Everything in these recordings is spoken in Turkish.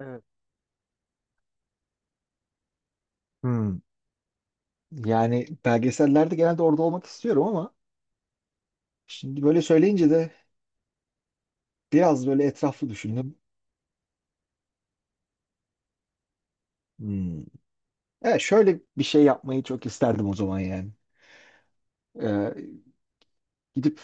Evet. Hmm. Yani belgesellerde genelde orada olmak istiyorum ama şimdi böyle söyleyince de biraz böyle etraflı düşündüm. Hmm. Evet, şöyle bir şey yapmayı çok isterdim o zaman yani. Ee, Gidip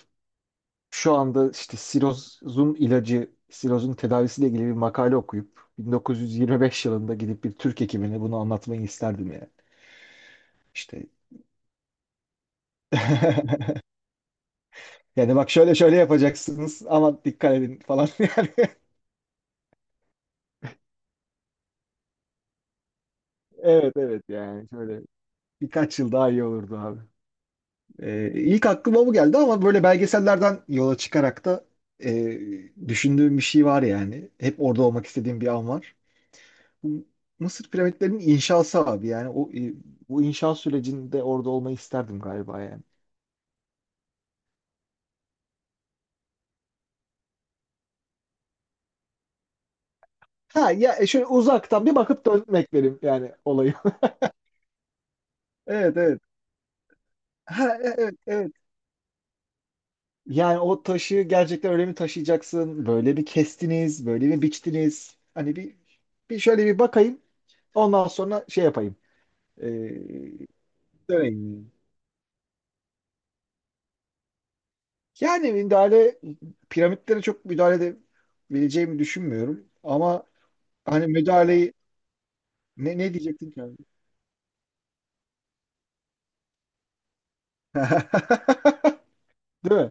şu anda işte sirozun ilacı, sirozun tedavisiyle ilgili bir makale okuyup 1925 yılında gidip bir Türk hekimine bunu anlatmayı isterdim yani. İşte yani bak şöyle şöyle yapacaksınız ama dikkat edin falan yani. Evet, evet, yani şöyle birkaç yıl daha iyi olurdu abi. İlk aklıma bu geldi ama böyle belgesellerden yola çıkarak da düşündüğüm bir şey var yani. Hep orada olmak istediğim bir an var. Bu Mısır piramitlerinin inşası abi yani o bu inşa sürecinde orada olmayı isterdim galiba yani. Ha ya, şöyle uzaktan bir bakıp dönmek benim yani olayı. Evet, evet. Ha, evet, evet. Yani o taşı gerçekten öyle mi taşıyacaksın? Böyle bir kestiniz, böyle mi biçtiniz? Hani bir şöyle bir bakayım. Ondan sonra şey yapayım. Yani Yani müdahale piramitlere çok müdahale edebileceğimi düşünmüyorum. Ama hani müdahaleyi ne diyecektin ki abi? Değil mi?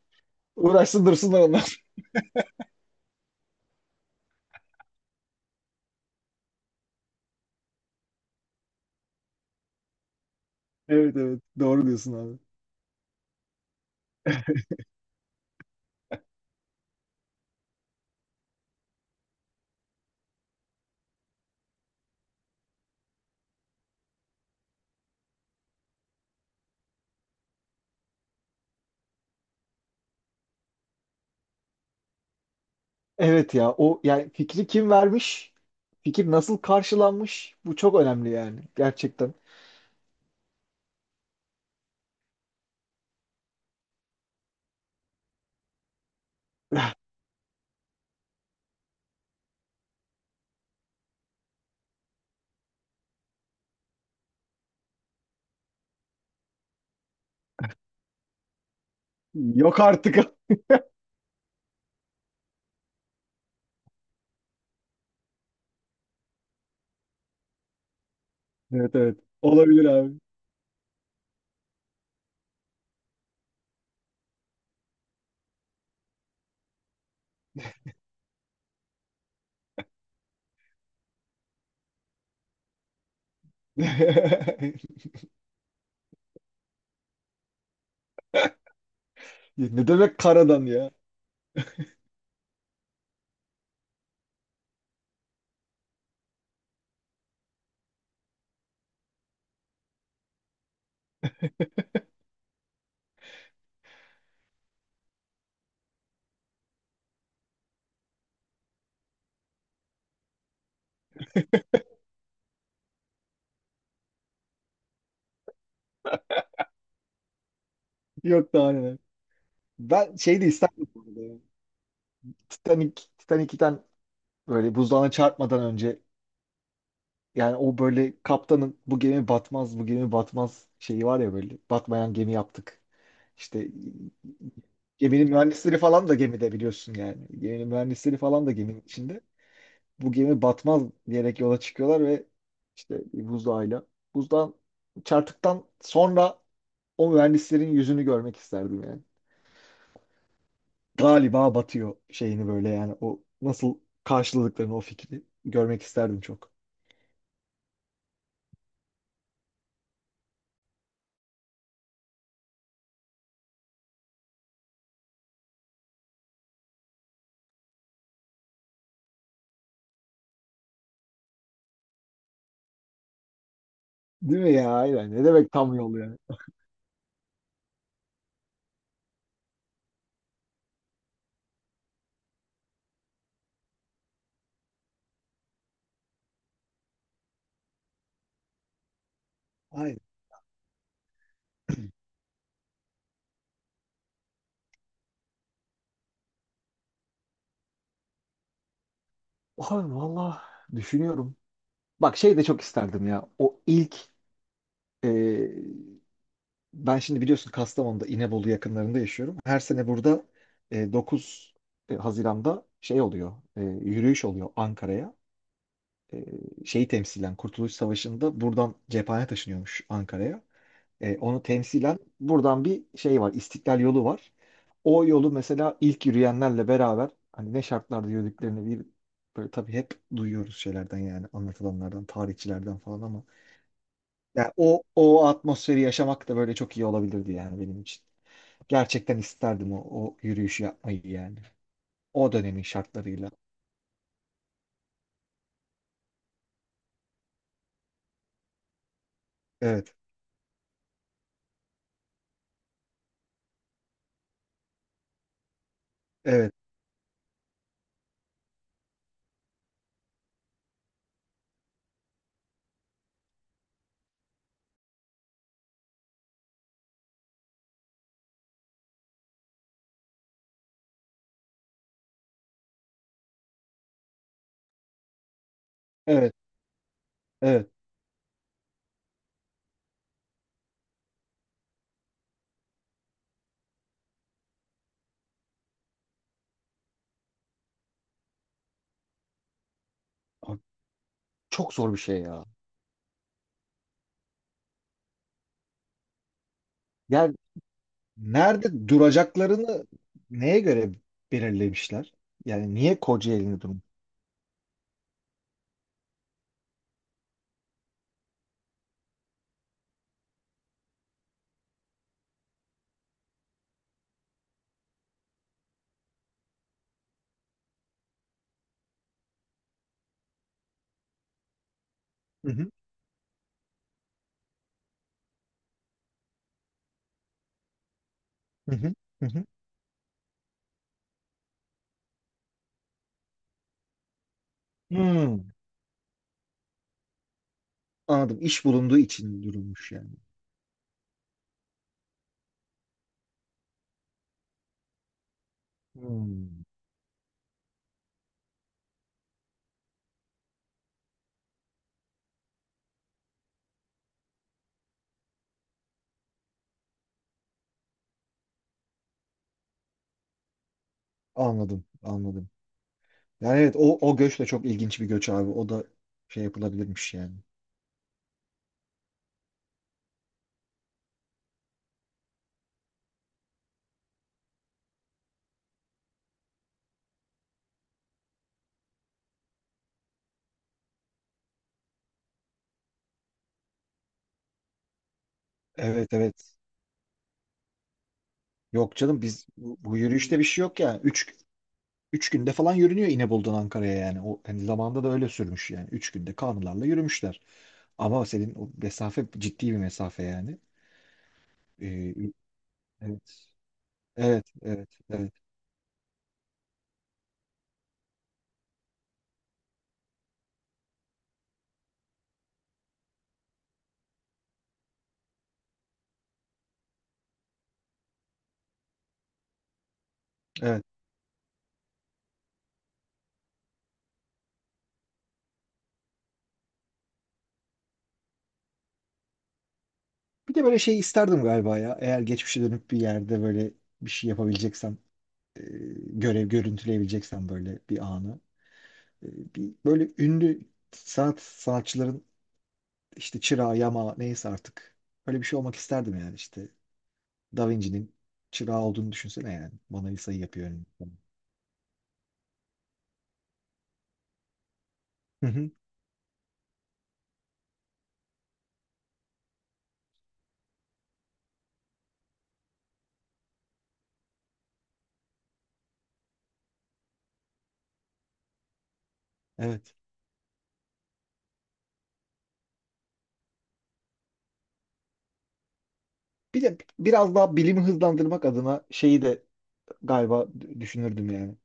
Uğraşsın dursunlar onlar. Evet, evet, doğru diyorsun abi. Evet ya, o yani fikri kim vermiş? Fikir nasıl karşılanmış? Bu çok önemli yani gerçekten. Yok artık. Evet, evet. Olabilir abi. Ne demek karadan ya? Yok daha neler. Ben şey de isterdim bu arada ya. Titanic'ten böyle buzdağına çarpmadan önce yani o böyle kaptanın "Bu gemi batmaz, bu gemi batmaz" şeyi var ya, böyle batmayan gemi yaptık. İşte geminin mühendisleri falan da gemide biliyorsun yani. Geminin mühendisleri falan da geminin içinde. Bu gemi batmaz diyerek yola çıkıyorlar ve işte bir buzdağıyla. Buzdağın çarptıktan sonra o mühendislerin yüzünü görmek isterdim yani. Galiba batıyor şeyini böyle yani o nasıl karşıladıklarını o fikri görmek isterdim çok. Değil mi ya? Aynen. Ne demek tam yol yani? Aynen. Abi valla düşünüyorum. Bak şey de çok isterdim ya. O ilk, e, ben şimdi biliyorsun Kastamonu'da İnebolu yakınlarında yaşıyorum. Her sene burada 9 Haziran'da şey oluyor. Yürüyüş oluyor Ankara'ya. E, Şeyi temsilen Kurtuluş Savaşı'nda buradan cephane taşınıyormuş Ankara'ya. Onu temsilen buradan bir şey var, İstiklal yolu var. O yolu mesela ilk yürüyenlerle beraber hani ne şartlarda yürüdüklerini bir böyle tabii hep duyuyoruz şeylerden yani anlatılanlardan, tarihçilerden falan ama yani o atmosferi yaşamak da böyle çok iyi olabilirdi yani benim için. Gerçekten isterdim o yürüyüşü yapmayı yani. O dönemin şartlarıyla. Evet, evet, evet, evet. Abi, çok zor bir şey ya. Nerede duracaklarını neye göre belirlemişler? Yani niye Kocaeli'nde durmuş? Hı hı, hı hı, hı hı. Hmm, anladım. İş bulunduğu için durulmuş yani. Hmm, anladım, anladım. Yani evet, o göç de çok ilginç bir göç abi. O da şey yapılabilirmiş yani. Evet, evet. Yok canım, biz bu yürüyüşte bir şey yok ya. Üç günde falan yürünüyor İnebolu'dan Ankara'ya yani. O hani zamanda da öyle sürmüş yani. 3 günde kanılarla yürümüşler. Ama senin o mesafe ciddi bir mesafe yani. Ee, evet. Evet, evet, evet, evet. Bir de böyle şey isterdim galiba ya. Eğer geçmişe dönüp bir yerde böyle bir şey yapabileceksem, e, görev görüntüleyebileceksem böyle bir anı. Bir böyle ünlü sanatçıların işte çırağı, yama neyse artık. Öyle bir şey olmak isterdim yani işte. Da Vinci'nin çırağı olduğunu düşünsene yani. Mona Lisa'yı yapıyor önünde. Hı hı, evet. Bir de biraz daha bilimi hızlandırmak adına şeyi de galiba düşünürdüm yani.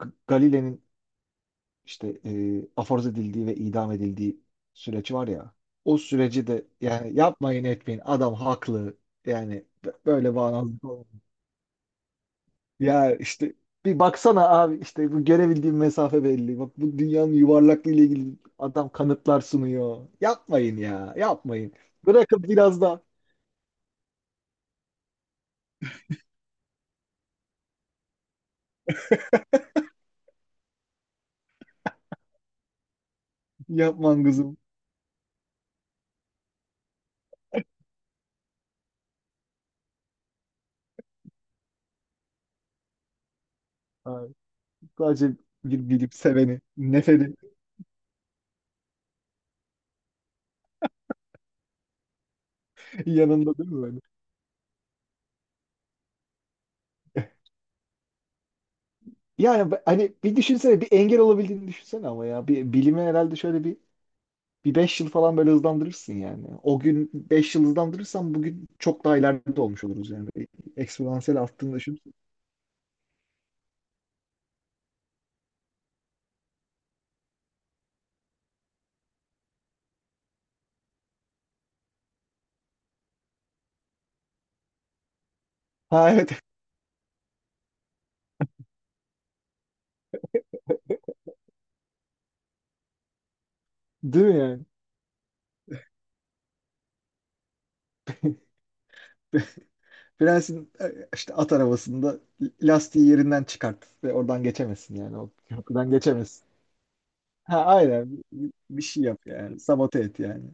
Galile'nin işte, aforoz edildiği ve idam edildiği süreci var ya. O süreci de yani yapmayın etmeyin adam haklı. Yani böyle bağnazlık olmaz. Ya işte bir baksana abi, işte bu görebildiğim mesafe belli. Bak bu dünyanın yuvarlaklığı ile ilgili adam kanıtlar sunuyor. Yapmayın ya, yapmayın. Bırakın biraz da yapman kızım. Ay, sadece bir bilip seveni, neferi yanında değil mi böyle? Yani hani bir düşünsene, bir engel olabildiğini düşünsene ama ya bir bilime herhalde şöyle bir 5 yıl falan böyle hızlandırırsın yani. O gün 5 yıl hızlandırırsan bugün çok daha ileride olmuş oluruz yani. Eksponansiyel arttığını düşün. Ha evet. Değil mi yani? Prensin, işte at arabasında lastiği yerinden çıkart ve oradan geçemezsin yani. O köprüden geçemezsin. Ha aynen. Bir şey yap yani. Sabote et yani.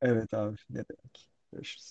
Evet abi. Ne demek. Görüşürüz.